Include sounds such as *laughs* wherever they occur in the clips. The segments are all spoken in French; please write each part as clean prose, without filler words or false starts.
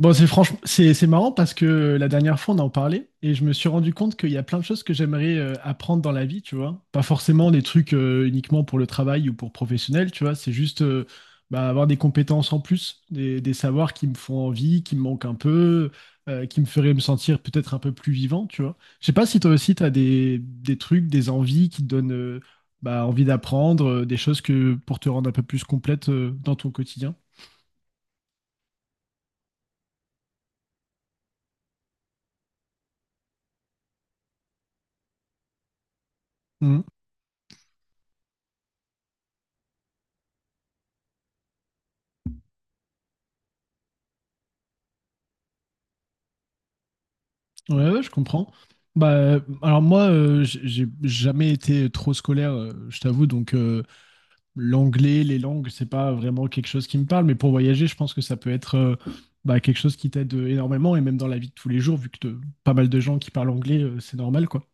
Bon, c'est franchement, c'est marrant parce que la dernière fois, on en parlait et je me suis rendu compte qu'il y a plein de choses que j'aimerais apprendre dans la vie, tu vois. Pas forcément des trucs uniquement pour le travail ou pour professionnel, tu vois. C'est juste bah, avoir des compétences en plus, des savoirs qui me font envie, qui me manquent un peu, qui me feraient me sentir peut-être un peu plus vivant, tu vois. Je sais pas si toi aussi, tu as des trucs, des envies qui te donnent bah, envie d'apprendre, des choses que pour te rendre un peu plus complète dans ton quotidien. Mhm. Ouais, ouais, je comprends. Bah, alors moi, j'ai jamais été trop scolaire, je t'avoue, donc l'anglais, les langues, c'est pas vraiment quelque chose qui me parle, mais pour voyager, je pense que ça peut être bah, quelque chose qui t'aide énormément, et même dans la vie de tous les jours, vu que pas mal de gens qui parlent anglais, c'est normal, quoi.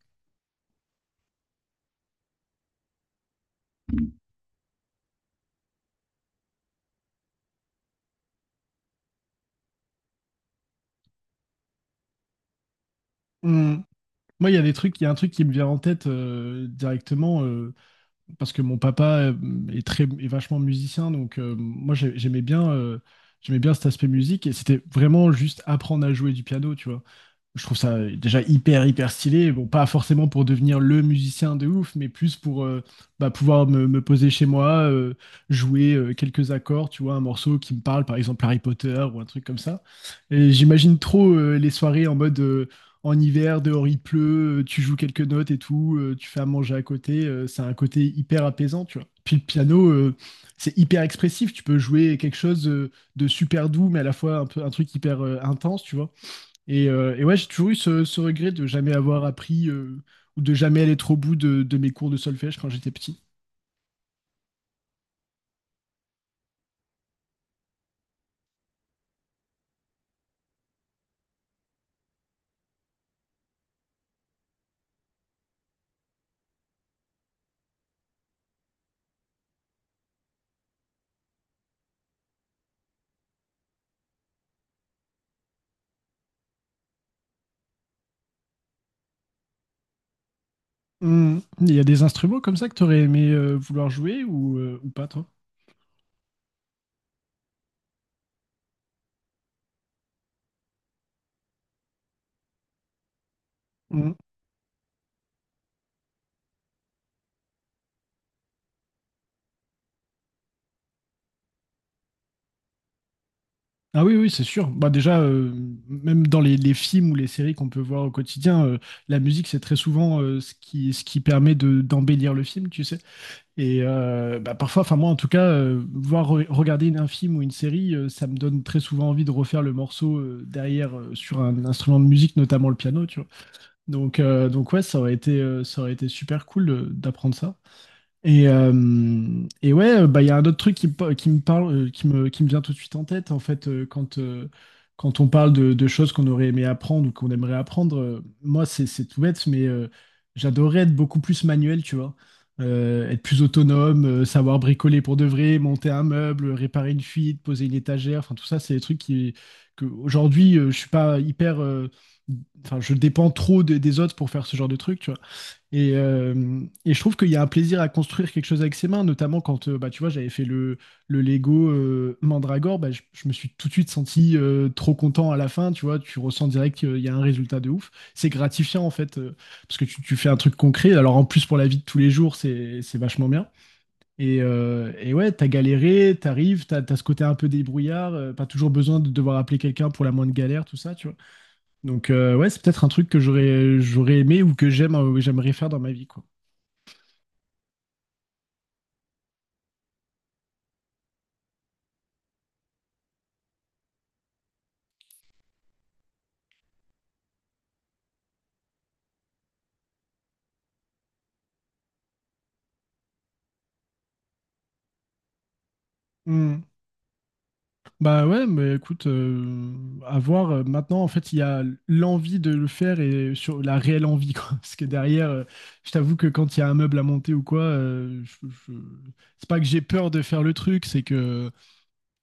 Mhm. Moi, il y a des trucs, il y a un truc qui me vient en tête directement. Parce que mon papa est vachement musicien, donc moi j'aimais bien cet aspect musique et c'était vraiment juste apprendre à jouer du piano, tu vois, je trouve ça déjà hyper hyper stylé. Bon, pas forcément pour devenir le musicien de ouf, mais plus pour bah, pouvoir me poser chez moi, jouer quelques accords, tu vois, un morceau qui me parle, par exemple Harry Potter ou un truc comme ça. Et j'imagine trop les soirées en mode en hiver, dehors il pleut, tu joues quelques notes et tout, tu fais à manger à côté. C'est un côté hyper apaisant, tu vois. Puis le piano, c'est hyper expressif. Tu peux jouer quelque chose de super doux, mais à la fois un peu un truc hyper intense, tu vois. Et ouais, j'ai toujours eu ce regret de jamais avoir appris ou de jamais aller trop au bout de mes cours de solfège quand j'étais petit. Hmm. Il y a des instruments comme ça que t'aurais aimé vouloir jouer ou pas, toi? Mhm. Ah oui, oui, c'est sûr. Bah déjà, même dans les films ou les séries qu'on peut voir au quotidien, la musique, c'est très souvent ce qui permet d'embellir le film, tu sais. Et bah, parfois, enfin moi en tout cas, voir regarder un film ou une série, ça me donne très souvent envie de refaire le morceau derrière sur un instrument de musique, notamment le piano, tu vois. Donc ouais, ça aurait été super cool d'apprendre ça. Et ouais, bah, il y a un autre truc qui me parle, qui me vient tout de suite en tête, en fait, quand, quand on parle de choses qu'on aurait aimé apprendre ou qu'on aimerait apprendre. Moi, c'est tout bête, mais j'adorais être beaucoup plus manuel, tu vois. Être plus autonome, savoir bricoler pour de vrai, monter un meuble, réparer une fuite, poser une étagère. Enfin, tout ça, c'est des trucs qui, que aujourd'hui, je suis pas hyper. Enfin, je dépends trop des autres pour faire ce genre de trucs, tu vois. Et, euh, et je trouve qu'il y a un plaisir à construire quelque chose avec ses mains, notamment quand bah, tu vois, j'avais fait le Lego Mandragore, bah, je me suis tout de suite senti trop content à la fin, tu vois, tu ressens direct qu'il y a un résultat de ouf. C'est gratifiant en fait, parce que tu fais un truc concret. Alors en plus pour la vie de tous les jours, c'est vachement bien. Et ouais, t'as galéré, t'arrives, t'as ce côté un peu débrouillard, pas toujours besoin de devoir appeler quelqu'un pour la moindre galère, tout ça, tu vois. Donc ouais, c'est peut-être un truc que j'aurais aimé ou que j'aime, j'aimerais faire dans ma vie, quoi. Hmm. Bah ouais, mais écoute, à voir. Maintenant, en fait, il y a l'envie de le faire et sur la réelle envie, quoi. *laughs* Parce que derrière, je t'avoue que quand il y a un meuble à monter ou quoi, c'est pas que j'ai peur de faire le truc, c'est que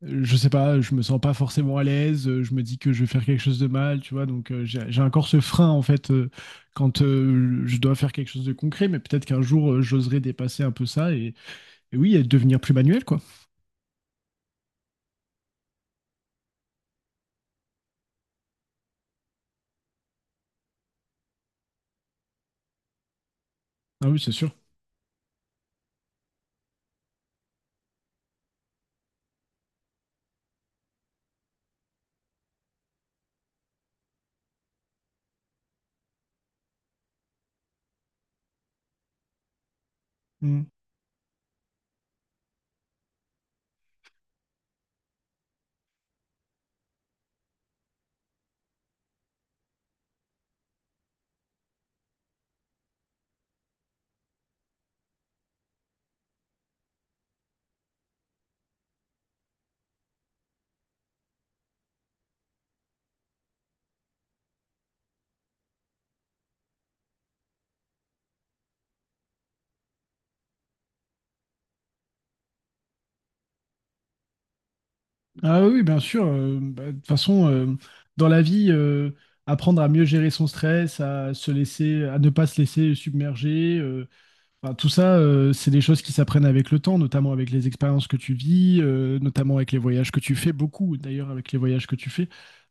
je sais pas, je me sens pas forcément à l'aise. Je me dis que je vais faire quelque chose de mal, tu vois. Donc j'ai encore ce frein en fait quand je dois faire quelque chose de concret. Mais peut-être qu'un jour j'oserai dépasser un peu ça et oui, et devenir plus manuel, quoi. Ah oui, c'est sûr. Ah oui, bien sûr. De toute façon, dans la vie, apprendre à mieux gérer son stress, à ne pas se laisser submerger, enfin, tout ça, c'est des choses qui s'apprennent avec le temps, notamment avec les expériences que tu vis, notamment avec les voyages que tu fais, beaucoup d'ailleurs avec les voyages que tu fais.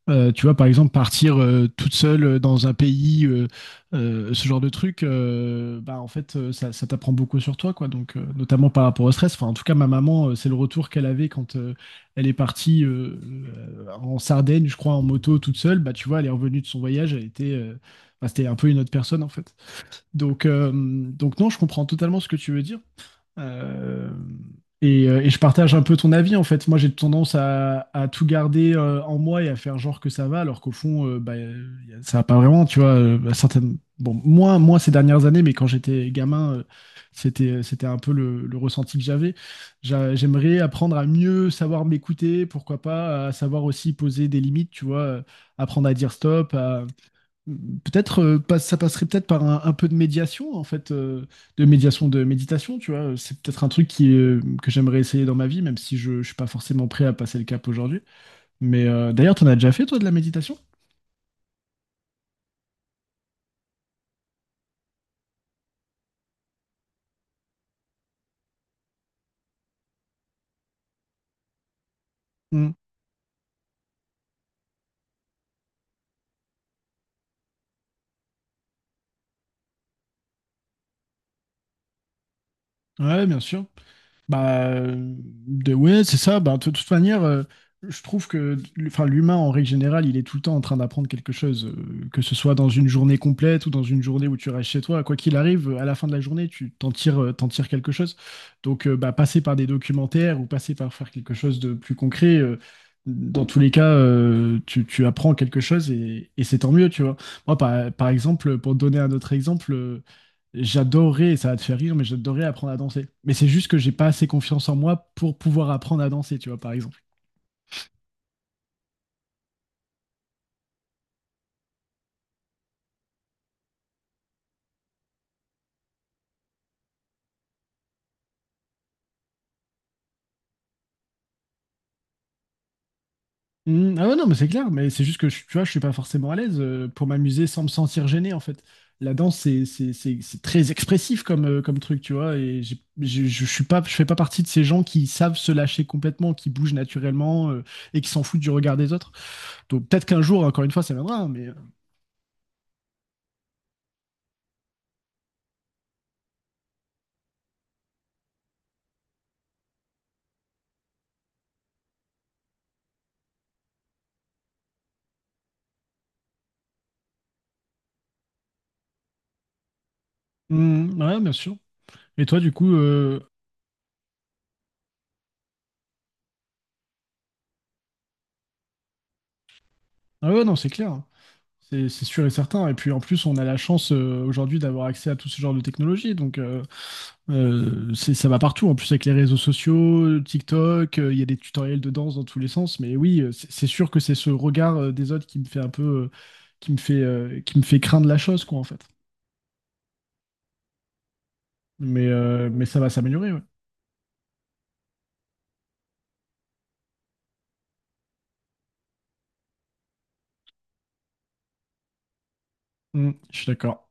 Tu vois, par exemple, partir toute seule dans un pays, ce genre de truc, bah, en fait, ça, ça t'apprend beaucoup sur toi, quoi. Donc, notamment par rapport au stress. Enfin, en tout cas, ma maman, c'est le retour qu'elle avait quand elle est partie en Sardaigne, je crois, en moto toute seule. Bah, tu vois, elle est revenue de son voyage, elle était c'était un peu une autre personne, en fait. Donc non, je comprends totalement ce que tu veux dire. Euh, et je partage un peu ton avis, en fait. Moi, j'ai tendance à tout garder en moi et à faire genre que ça va, alors qu'au fond, ça va pas vraiment, tu vois. Bah, certaines... Bon, moins ces dernières années, mais quand j'étais gamin, c'était, c'était un peu le ressenti que j'avais. J'aimerais apprendre à mieux savoir m'écouter, pourquoi pas, à savoir aussi poser des limites, tu vois, apprendre à dire stop, peut-être, ça passerait peut-être par un peu de médiation, en fait, de méditation, tu vois. C'est peut-être un truc qui, que j'aimerais essayer dans ma vie, même si je ne suis pas forcément prêt à passer le cap aujourd'hui. Mais d'ailleurs, tu en as déjà fait, toi, de la méditation? Mm. Ouais, bien sûr. Bah, ouais, c'est ça. Bah, de toute manière, je trouve que enfin, l'humain, en règle générale, il est tout le temps en train d'apprendre quelque chose, que ce soit dans une journée complète ou dans une journée où tu restes chez toi. Quoi qu'il arrive, à la fin de la journée, t'en tires quelque chose. Donc, bah, passer par des documentaires ou passer par faire quelque chose de plus concret, dans tous les cas, tu apprends quelque chose et c'est tant mieux, tu vois. Moi, par exemple, pour te donner un autre exemple, j'adorais, ça va te faire rire, mais j'adorais apprendre à danser. Mais c'est juste que j'ai pas assez confiance en moi pour pouvoir apprendre à danser, tu vois, par exemple. Hmm, ah ouais, non, mais c'est clair, mais c'est juste que, tu vois, je suis pas forcément à l'aise pour m'amuser sans me sentir gêné, en fait. La danse, c'est très expressif comme, comme truc, tu vois, et suis pas, je fais pas partie de ces gens qui savent se lâcher complètement, qui bougent naturellement et qui s'en foutent du regard des autres. Donc peut-être qu'un jour, encore une fois, ça viendra, hein, mais... hmm, ouais, bien sûr. Et toi, du coup... ah ouais, non, c'est clair. C'est sûr et certain. Et puis en plus, on a la chance aujourd'hui d'avoir accès à tout ce genre de technologie. C'est- ça va partout. En plus, avec les réseaux sociaux, TikTok, il y a des tutoriels de danse dans tous les sens. Mais oui, c'est sûr que c'est ce regard des autres qui me fait un peu, qui me fait craindre la chose, quoi, en fait. Mais ça va s'améliorer, ouais. Mm, je suis d'accord.